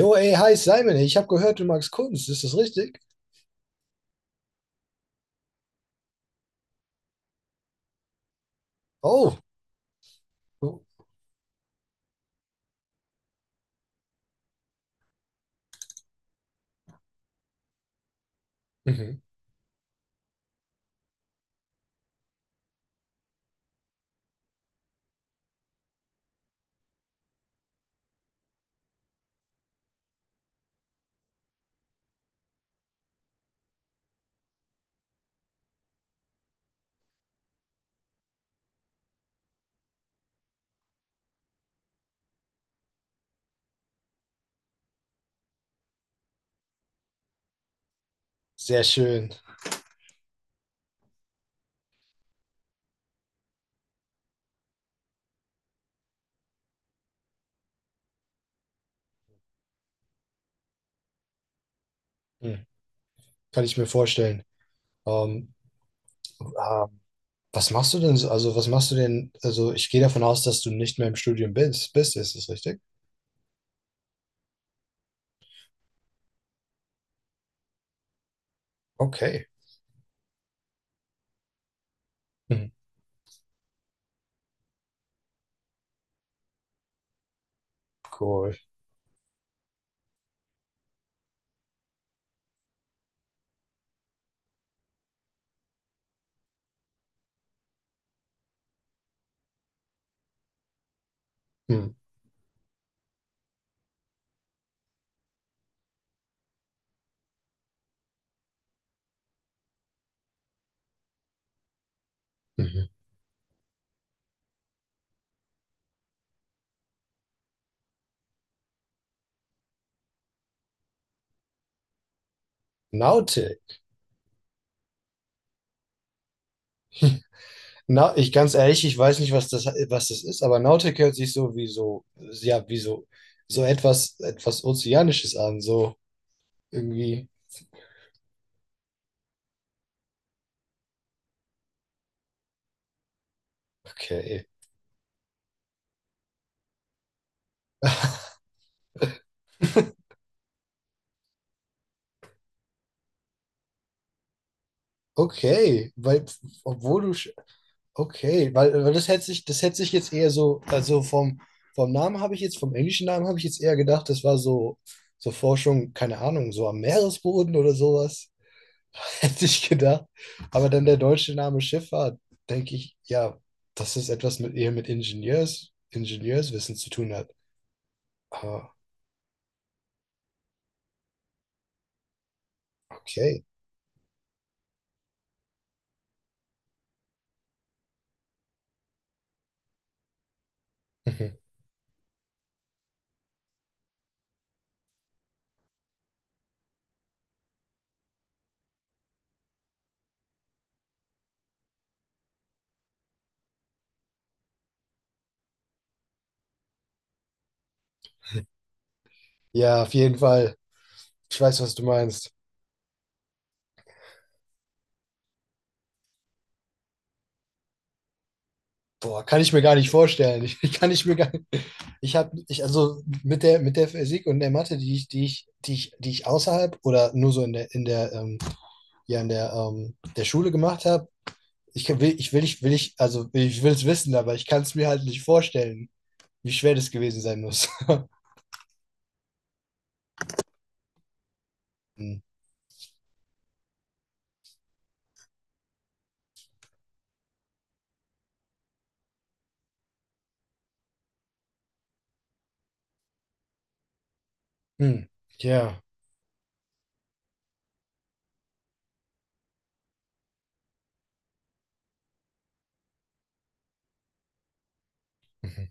Jo, ey, hi Simon, ich habe gehört, du magst Kunst, ist das richtig? Oh, oh, mhm. Sehr schön. Hm. Kann ich mir vorstellen. Ähm, ähm, was machst du denn so? Also, was machst du denn? Also, ich gehe davon aus, dass du nicht mehr im Studium bist. Ist das richtig? Okay. Hm. Cool. Hm. Mhm. Nautic. Na, ich ganz ehrlich, ich weiß nicht, was das ist, aber Nautik hört sich so wie so, ja, wie so, so etwas, etwas Ozeanisches an, so irgendwie. Okay. Okay, weil, obwohl du, sch- okay, weil das hätte sich jetzt eher so, also vom, vom Namen habe ich jetzt, vom englischen Namen habe ich jetzt eher gedacht, das war so, so Forschung, keine Ahnung, so am Meeresboden oder sowas. Hätte ich gedacht. Aber dann der deutsche Name Schifffahrt, denke ich, ja, dass es etwas mit eher mit Ingenieurswissen zu tun hat. Ah, okay. Mhm. Ja, auf jeden Fall. Ich weiß, was du meinst. Boah, kann ich mir gar nicht vorstellen. Kann ich mir gar nicht. Also mit der Physik und der Mathe, die ich außerhalb oder nur so in der, ja, in der, der Schule gemacht habe, ich kann- will, ich will, ich will, ich, also ich will es wissen, aber ich kann es mir halt nicht vorstellen, wie schwer das gewesen sein muss. Hm. Hm. Ja. Mhm.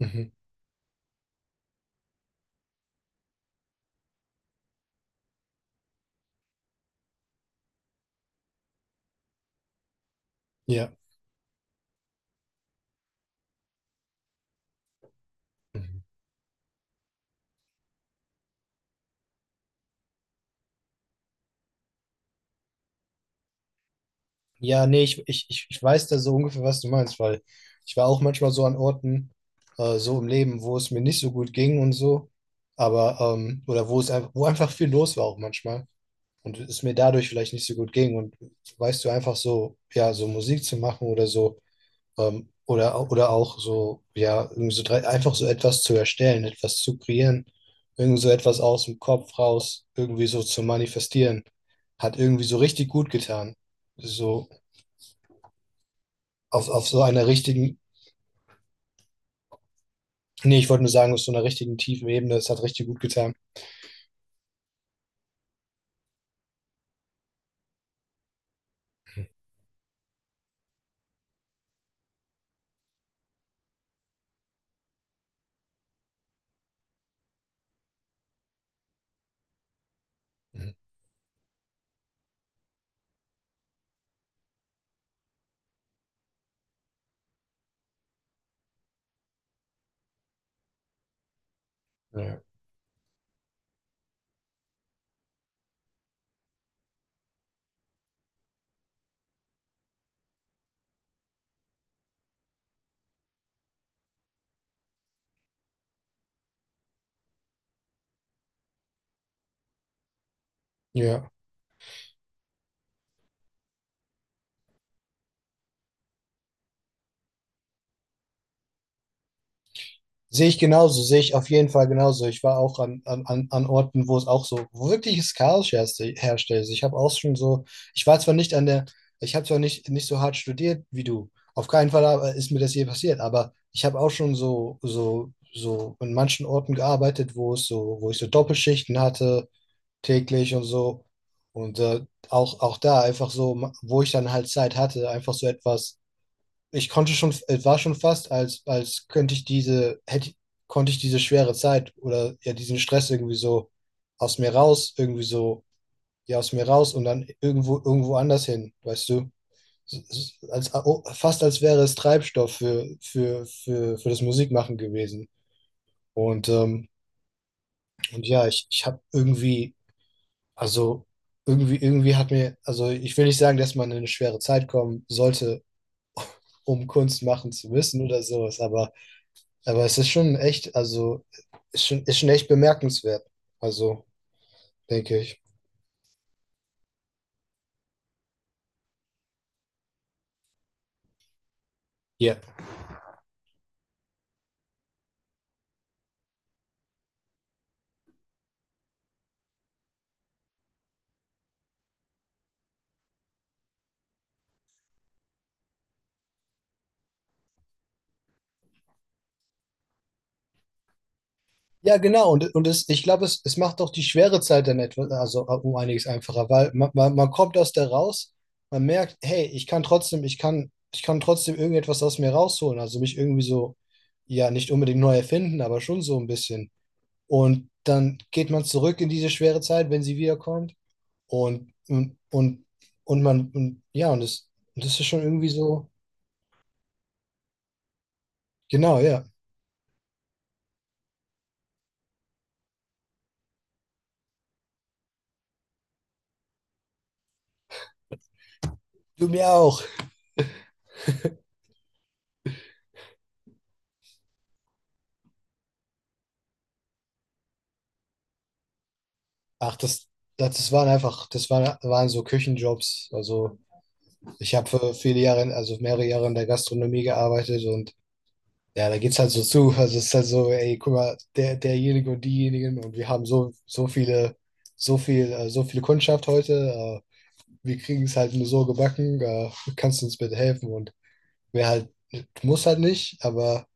Mhm. Ja. Mhm. Ja, nee, ich weiß da so ungefähr, was du meinst, weil ich war auch manchmal so an Orten, so im Leben, wo es mir nicht so gut ging und so, aber, oder wo es einfach, wo einfach viel los war auch manchmal und es mir dadurch vielleicht nicht so gut ging und weißt du, einfach so, ja, so Musik zu machen oder so. Oder auch so, ja, einfach so etwas zu erstellen, etwas zu kreieren, irgendwie so etwas aus dem Kopf raus, irgendwie so zu manifestieren, hat irgendwie so richtig gut getan. So auf so einer richtigen, nee, ich wollte nur sagen, auf so einer richtigen tiefen Ebene, es hat richtig gut getan. Mhm. Ja. Ja. Sehe ich genauso, sehe ich auf jeden Fall genauso. Ich war auch an Orten, wo es auch so wirkliches Chaos herrschte. Also ich habe auch schon so, ich war zwar nicht an der, ich habe zwar nicht, nicht so hart studiert wie du, auf keinen Fall aber ist mir das je passiert, aber ich habe auch schon so in manchen Orten gearbeitet, wo es so, wo ich so Doppelschichten hatte, täglich und so. Und auch, auch da einfach so, ma- wo ich dann halt Zeit hatte, einfach so etwas. Ich konnte schon, es war schon fast, als, als könnte ich diese, hätte, konnte ich diese schwere Zeit oder ja diesen Stress irgendwie so aus mir raus, irgendwie so, ja, aus mir raus und dann irgendwo, irgendwo anders hin, weißt du? Als, oh, fast als wäre es Treibstoff für das Musikmachen gewesen. Und, ähm, und ja, ich habe irgendwie, also irgendwie hat mir, also ich will nicht sagen, dass man in eine schwere Zeit kommen sollte, um Kunst machen zu müssen oder sowas, aber es ist schon echt, also ist schon echt bemerkenswert. Also, denke ich. Ja. Ja, genau. Und, ich glaube, es macht auch die schwere Zeit dann etwas, also um einiges einfacher, weil man kommt aus der raus, man merkt, hey, ich kann trotzdem, ich kann trotzdem irgendetwas aus mir rausholen. Also mich irgendwie so, ja, nicht unbedingt neu erfinden, aber schon so ein bisschen. Und dann geht man zurück in diese schwere Zeit, wenn sie wiederkommt. Und, und, und, und man, und, ja, und das, das ist schon irgendwie so. Genau, ja. Du mir auch. Ach, das waren einfach, waren so Küchenjobs. Also ich habe für viele Jahre, in- also mehrere Jahre in der Gastronomie gearbeitet und ja, da geht's halt so zu. Also es ist halt so, ey, guck mal, der, derjenige und diejenigen und wir haben so viel, so viele Kundschaft heute. Wir kriegen es halt nur so gebacken. Kannst du uns bitte helfen? Und wer halt, muss halt nicht, aber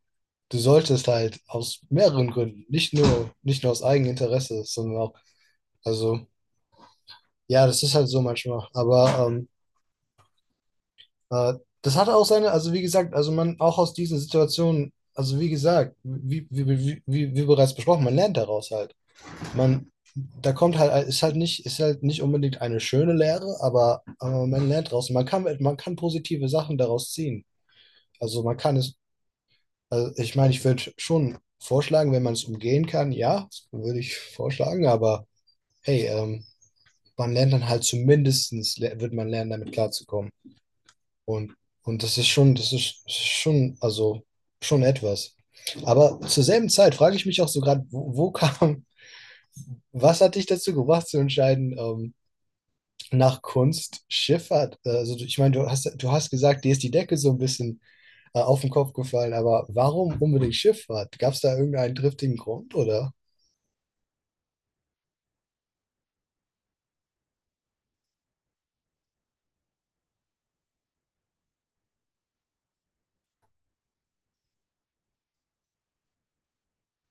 du solltest halt aus mehreren Gründen, nicht nur aus Eigeninteresse, sondern auch, also ja, das ist halt so manchmal. Aber äh, das hat auch seine, also wie gesagt, also man auch aus diesen Situationen, also wie gesagt, wie bereits besprochen, man lernt daraus halt. Man, da kommt halt, ist halt nicht unbedingt eine schöne Lehre, aber man lernt daraus. Man kann positive Sachen daraus ziehen. Also man kann es, also ich meine, ich würde schon vorschlagen, wenn man es umgehen kann, ja, das würde ich vorschlagen, aber hey, man lernt dann halt zumindestens, le- wird man lernen, damit klarzukommen. Und, und das ist schon, das ist schon, also schon etwas. Aber zur selben Zeit frage ich mich auch so gerade, was hat dich dazu gebracht zu entscheiden, nach Kunst Schifffahrt? Ich meine, du hast gesagt, dir ist die Decke so ein bisschen auf den Kopf gefallen, aber warum unbedingt Schifffahrt? Gab es da irgendeinen triftigen Grund oder?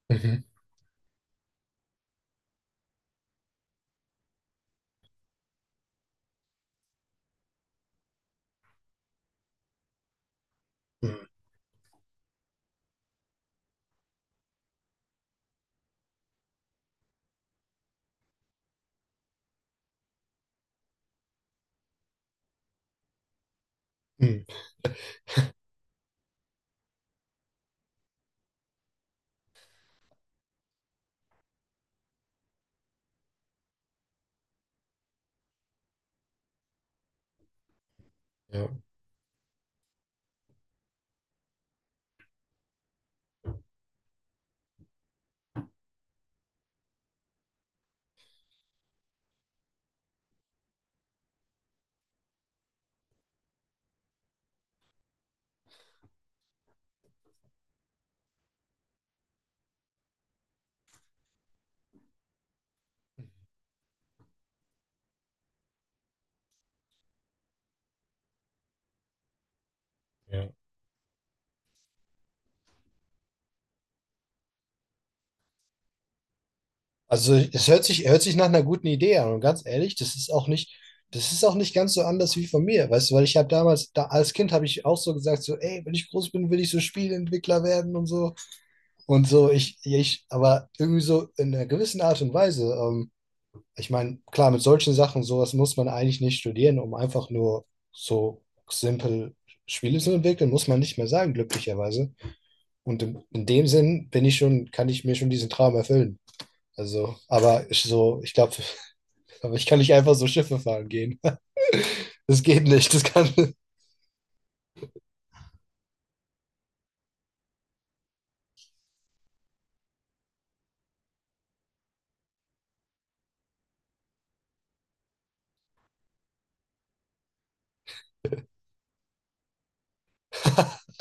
Mhm. Mhm. Mhm. Ja. Ja. Also es hört sich nach einer guten Idee an. Und ganz ehrlich, das ist auch nicht ganz so anders wie von mir. Weißt du, weil ich habe damals, da, als Kind habe ich auch so gesagt, so, ey, wenn ich groß bin, will ich so Spieleentwickler werden und so. Und so, aber irgendwie so in einer gewissen Art und Weise. Ich meine, klar, mit solchen Sachen, sowas muss man eigentlich nicht studieren, um einfach nur so simpel Spiele zu entwickeln, muss man nicht mehr sagen, glücklicherweise. Und in dem Sinn bin ich schon, kann ich mir schon diesen Traum erfüllen. Also, aber ich so, ich glaube, aber ich kann nicht einfach so Schiffe fahren gehen. Das geht nicht. Das kann.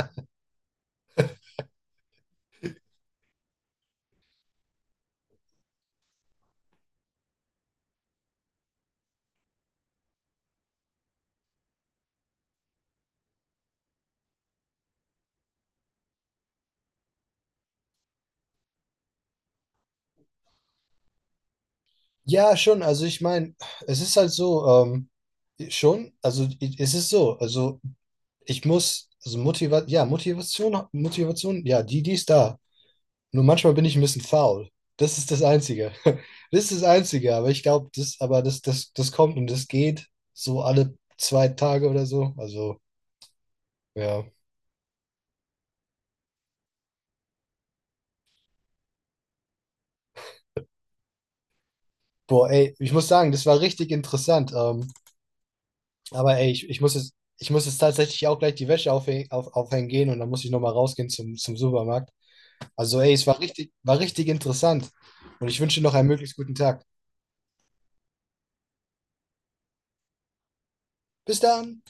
Ja, schon. Also ich meine, es ist halt so, schon, also i- es ist so, also ich muss, Motivation, ja, die, die ist da. Nur manchmal bin ich ein bisschen faul. Das ist das Einzige. Das ist das Einzige, aber ich glaube, aber das kommt und das geht so alle 2 Tage oder so. Also, ja. Boah, ey, ich muss sagen, das war richtig interessant. Aber ey, ich muss jetzt tatsächlich auch gleich die Wäsche aufhängen, aufhängen gehen und dann muss ich nochmal rausgehen zum Supermarkt. Also ey, es war richtig interessant. Und ich wünsche dir noch einen möglichst guten Tag. Bis dann!